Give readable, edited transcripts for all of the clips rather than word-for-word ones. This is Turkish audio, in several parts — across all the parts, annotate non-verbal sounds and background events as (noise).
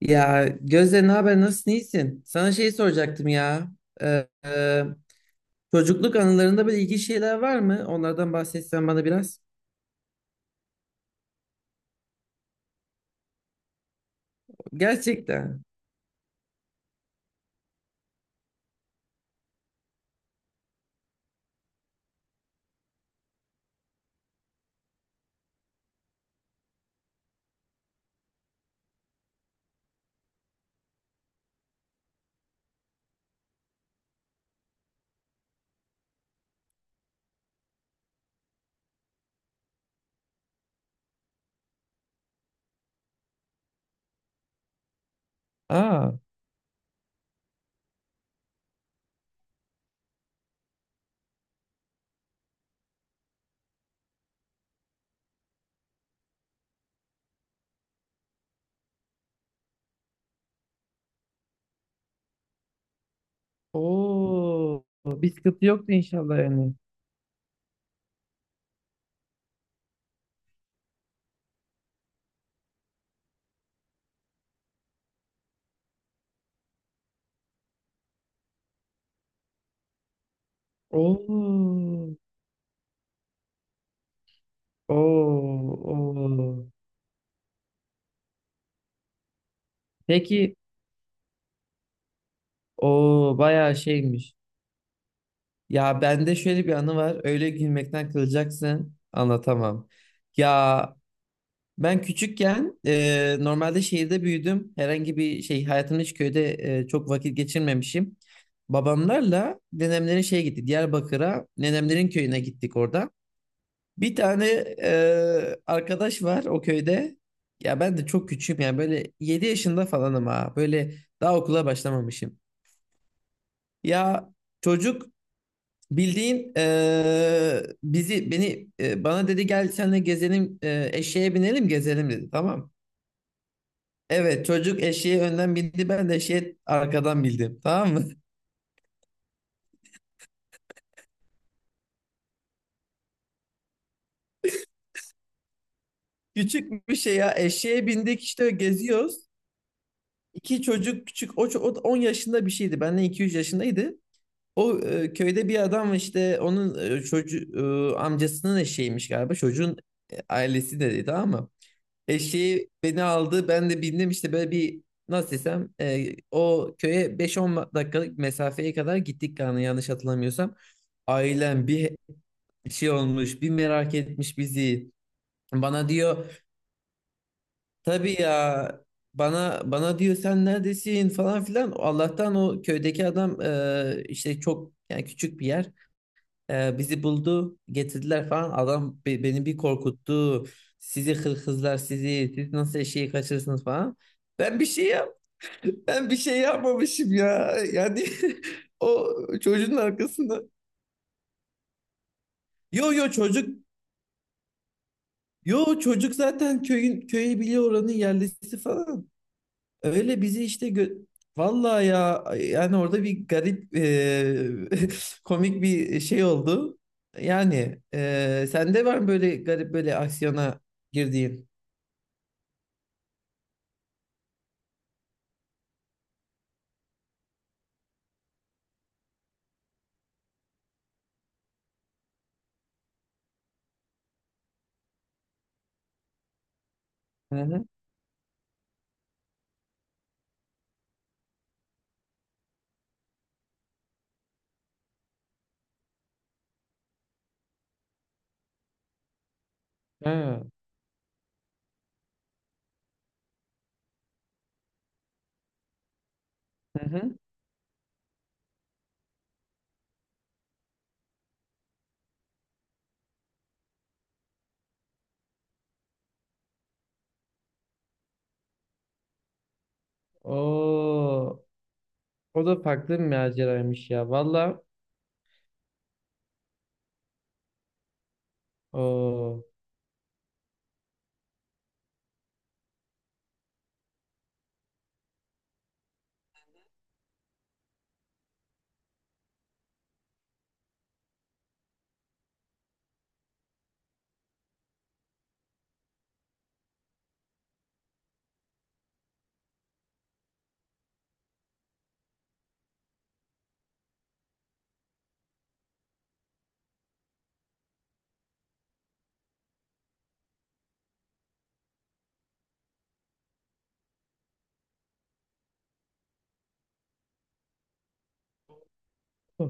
Ya Gözde ne haber, nasılsın, iyisin? Sana şey soracaktım ya. Ee, e, çocukluk anılarında böyle ilginç şeyler var mı? Onlardan bahsetsen bana biraz. Gerçekten. Aa. Oo. Bir sıkıntı yoktu inşallah yani. Oo. Oo. Oo. Peki, o bayağı şeymiş. Ya bende şöyle bir anı var. Öyle gülmekten kılacaksın. Anlatamam. Ya, ben küçükken normalde şehirde büyüdüm. Herhangi bir şey hayatımda hiç köyde çok vakit geçirmemişim. Babamlarla nenemlerin şeye gittik. Diyarbakır'a nenemlerin köyüne gittik orada. Bir tane arkadaş var o köyde. Ya ben de çok küçüğüm yani böyle 7 yaşında falanım ha. Böyle daha okula başlamamışım. Ya çocuk bildiğin bana dedi gel seninle gezelim, eşeğe binelim gezelim dedi, tamam. Evet, çocuk eşeğe önden bindi, ben de eşeğe arkadan bindim, tamam mı? (laughs) Küçük bir şey ya, eşeğe bindik işte, geziyoruz. İki çocuk küçük, o da 10 yaşında bir şeydi, benden 2-3 yaşındaydı. O, köyde bir adam, işte onun çocuğu, amcasının eşeğiymiş galiba çocuğun. Ailesi de dedi tamam mı? Eşeği beni aldı, ben de bindim işte, böyle bir nasıl desem, o köye 5-10 dakikalık mesafeye kadar gittik yani, yanlış hatırlamıyorsam. Ailem bir, bir şey olmuş, bir merak etmiş bizi. Bana diyor, tabii ya, bana diyor sen neredesin falan filan. Allah'tan o köydeki adam, işte çok yani, küçük bir yer. E, bizi buldu, getirdiler falan. Adam beni bir korkuttu. Sizi hırkızlar sizi, siz nasıl eşeği kaçırırsınız falan. Ben bir şey yap (laughs) ben bir şey yapmamışım ya. Yani (laughs) o çocuğun arkasında. Yo yo, çocuk zaten köyün, köyü biliyor, oranın yerlisi falan. Öyle bizi işte vallahi ya, yani orada bir garip (laughs) komik bir şey oldu. Yani sende var mı böyle garip, böyle aksiyona girdiğin? Hı hı. Ha. Hı hı. Oo, o da farklı bir maceraymış ya. Valla. Oo. Huh.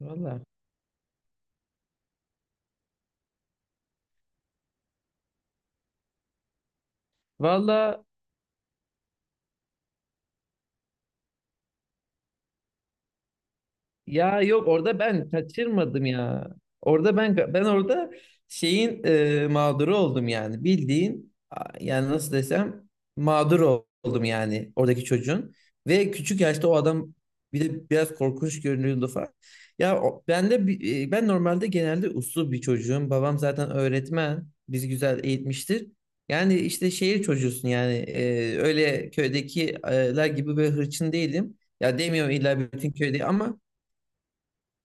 Valla. Valla, ya yok, orada ben kaçırmadım ya. Orada ben orada şeyin, mağduru oldum yani. Bildiğin yani nasıl desem, oldum yani oradaki çocuğun. Ve küçük yaşta o adam bir de biraz korkunç görünüyordu falan. Ya o- ben de bi- e, ben normalde genelde uslu bir çocuğum. Babam zaten öğretmen. Bizi güzel eğitmiştir. Yani işte şehir çocuğusun yani, öyle köydekiler gibi böyle hırçın değilim. Ya demiyorum illa bütün köyde ama.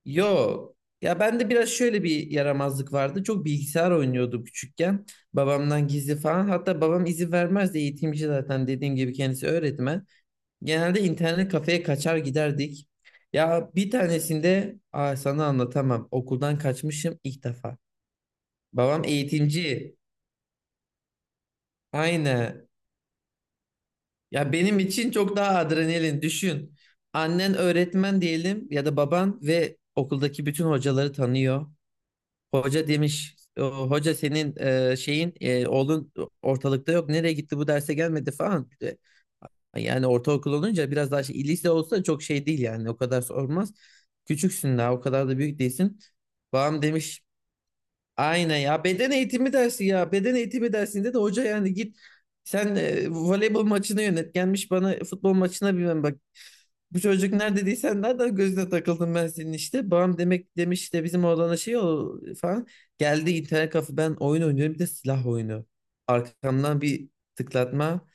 Yok. Ya bende biraz şöyle bir yaramazlık vardı. Çok bilgisayar oynuyordum küçükken. Babamdan gizli falan. Hatta babam izin vermezdi. Eğitimci zaten, dediğim gibi kendisi öğretmen. Genelde internet kafeye kaçar giderdik. Ya bir tanesinde, aa, sana anlatamam. Okuldan kaçmışım ilk defa. Babam eğitimci. Aynen. Ya benim için çok daha adrenalin. Düşün. Annen öğretmen diyelim ya da baban, ve okuldaki bütün hocaları tanıyor. Hoca demiş, "O, hoca senin oğlun ortalıkta yok. Nereye gitti, bu derse gelmedi falan. Yani ortaokul olunca biraz daha şey, lise olsa çok şey değil yani, o kadar sormaz. Küçüksün daha, o kadar da büyük değilsin. Babam demiş, aynen ya, beden eğitimi dersi, ya beden eğitimi dersinde de hoca yani git sen voleybol maçını yönet, gelmiş bana futbol maçına, bilmem bu çocuk nerede değilsen, nereden gözüne takıldım ben senin işte. Babam demek demiş de bizim oğlana şey o falan. Geldi internet kafe, ben oyun oynuyorum, bir de silah oyunu. Arkamdan bir tıklatma.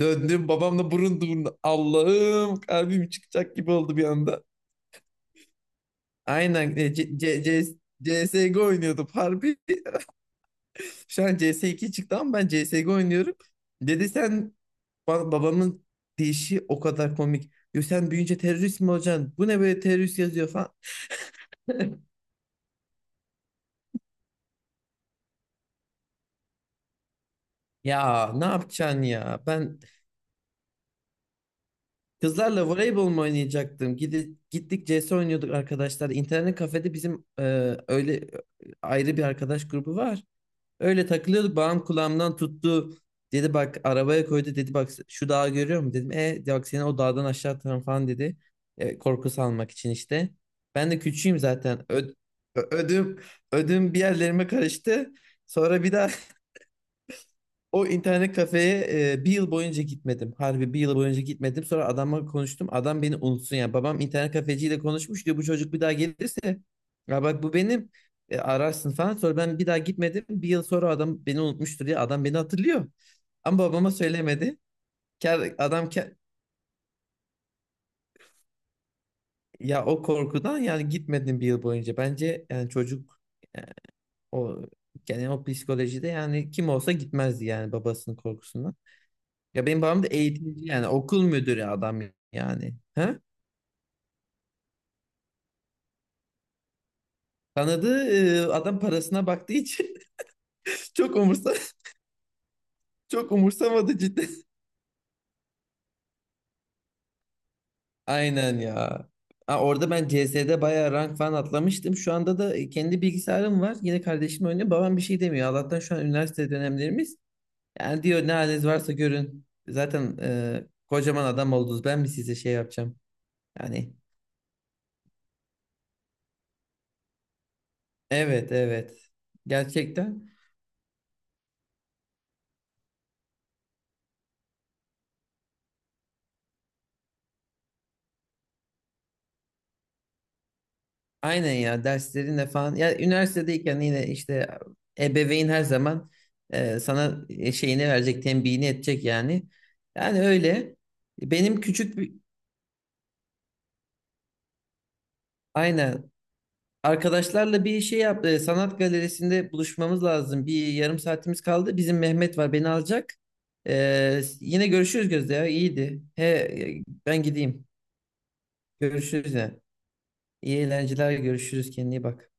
Döndüm, babamla burun burun. Allah'ım, kalbim çıkacak gibi oldu bir anda. Aynen, e, C- C- C- C S CSGO oynuyordum harbi. Şu an C S iki çıktı ama ben C S CSGO oynuyorum. Dedi sen, babamın deyişi o kadar komik. Diyor sen büyüyünce terörist mi olacaksın? Bu ne böyle, terörist yazıyor falan. (laughs) Ya ne yapacaksın ya? Ben kızlarla voleybol mu oynayacaktım? Gittik CS oynuyorduk arkadaşlar. İnternet kafede bizim öyle ayrı bir arkadaş grubu var. Öyle takılıyorduk. Bağım kulağımdan tuttu. Dedi bak, arabaya koydu. Dedi bak şu dağı görüyor musun? Dedim, e bak seni o dağdan aşağı atarım falan dedi. Korku salmak için işte. Ben de küçüğüm zaten. Ö- ödüm ödüm bir yerlerime karıştı. Sonra bir daha (laughs) o internet kafeye bir yıl boyunca gitmedim. Harbi bir yıl boyunca gitmedim. Sonra adamla konuştum. Adam beni unutsun yani. Babam internet kafeciyle konuşmuş diyor. Bu çocuk bir daha gelirse, ya bak bu benim, ararsın falan. Sonra ben bir daha gitmedim. Bir yıl sonra adam beni unutmuştur diye, adam beni hatırlıyor. Ama babama söylemedi. Ker, adam ker- ya o korkudan yani gitmedim bir yıl boyunca. Bence yani çocuk, e, o yani o psikolojide yani, kim olsa gitmezdi yani babasının korkusundan. Ya benim babam da eğitimci yani, okul müdürü adam yani. Ha? Tanıdığı, adam parasına baktığı için (laughs) çok umursa (laughs) çok umursamadı cidden. (laughs) Aynen ya. Aa, orada ben CS'de bayağı rank falan atlamıştım. Şu anda da kendi bilgisayarım var. Yine kardeşim oynuyor. Babam bir şey demiyor. Allah'tan şu an üniversite dönemlerimiz. Yani diyor ne haliniz varsa görün. Zaten kocaman adam oldunuz. Ben mi size şey yapacağım? Yani, evet evet. Gerçekten, aynen ya, derslerinle falan. Ya üniversitedeyken yine işte, ebeveyn her zaman şeyini verecek, tembihini edecek yani. Yani öyle. Benim küçük bir, aynen, arkadaşlarla bir şey yap, sanat galerisinde buluşmamız lazım. Bir yarım saatimiz kaldı. Bizim Mehmet var, beni alacak. Yine görüşürüz Gözde, ya iyiydi. He, ben gideyim. Görüşürüz ya. İyi eğlenceler, görüşürüz, kendine iyi bak.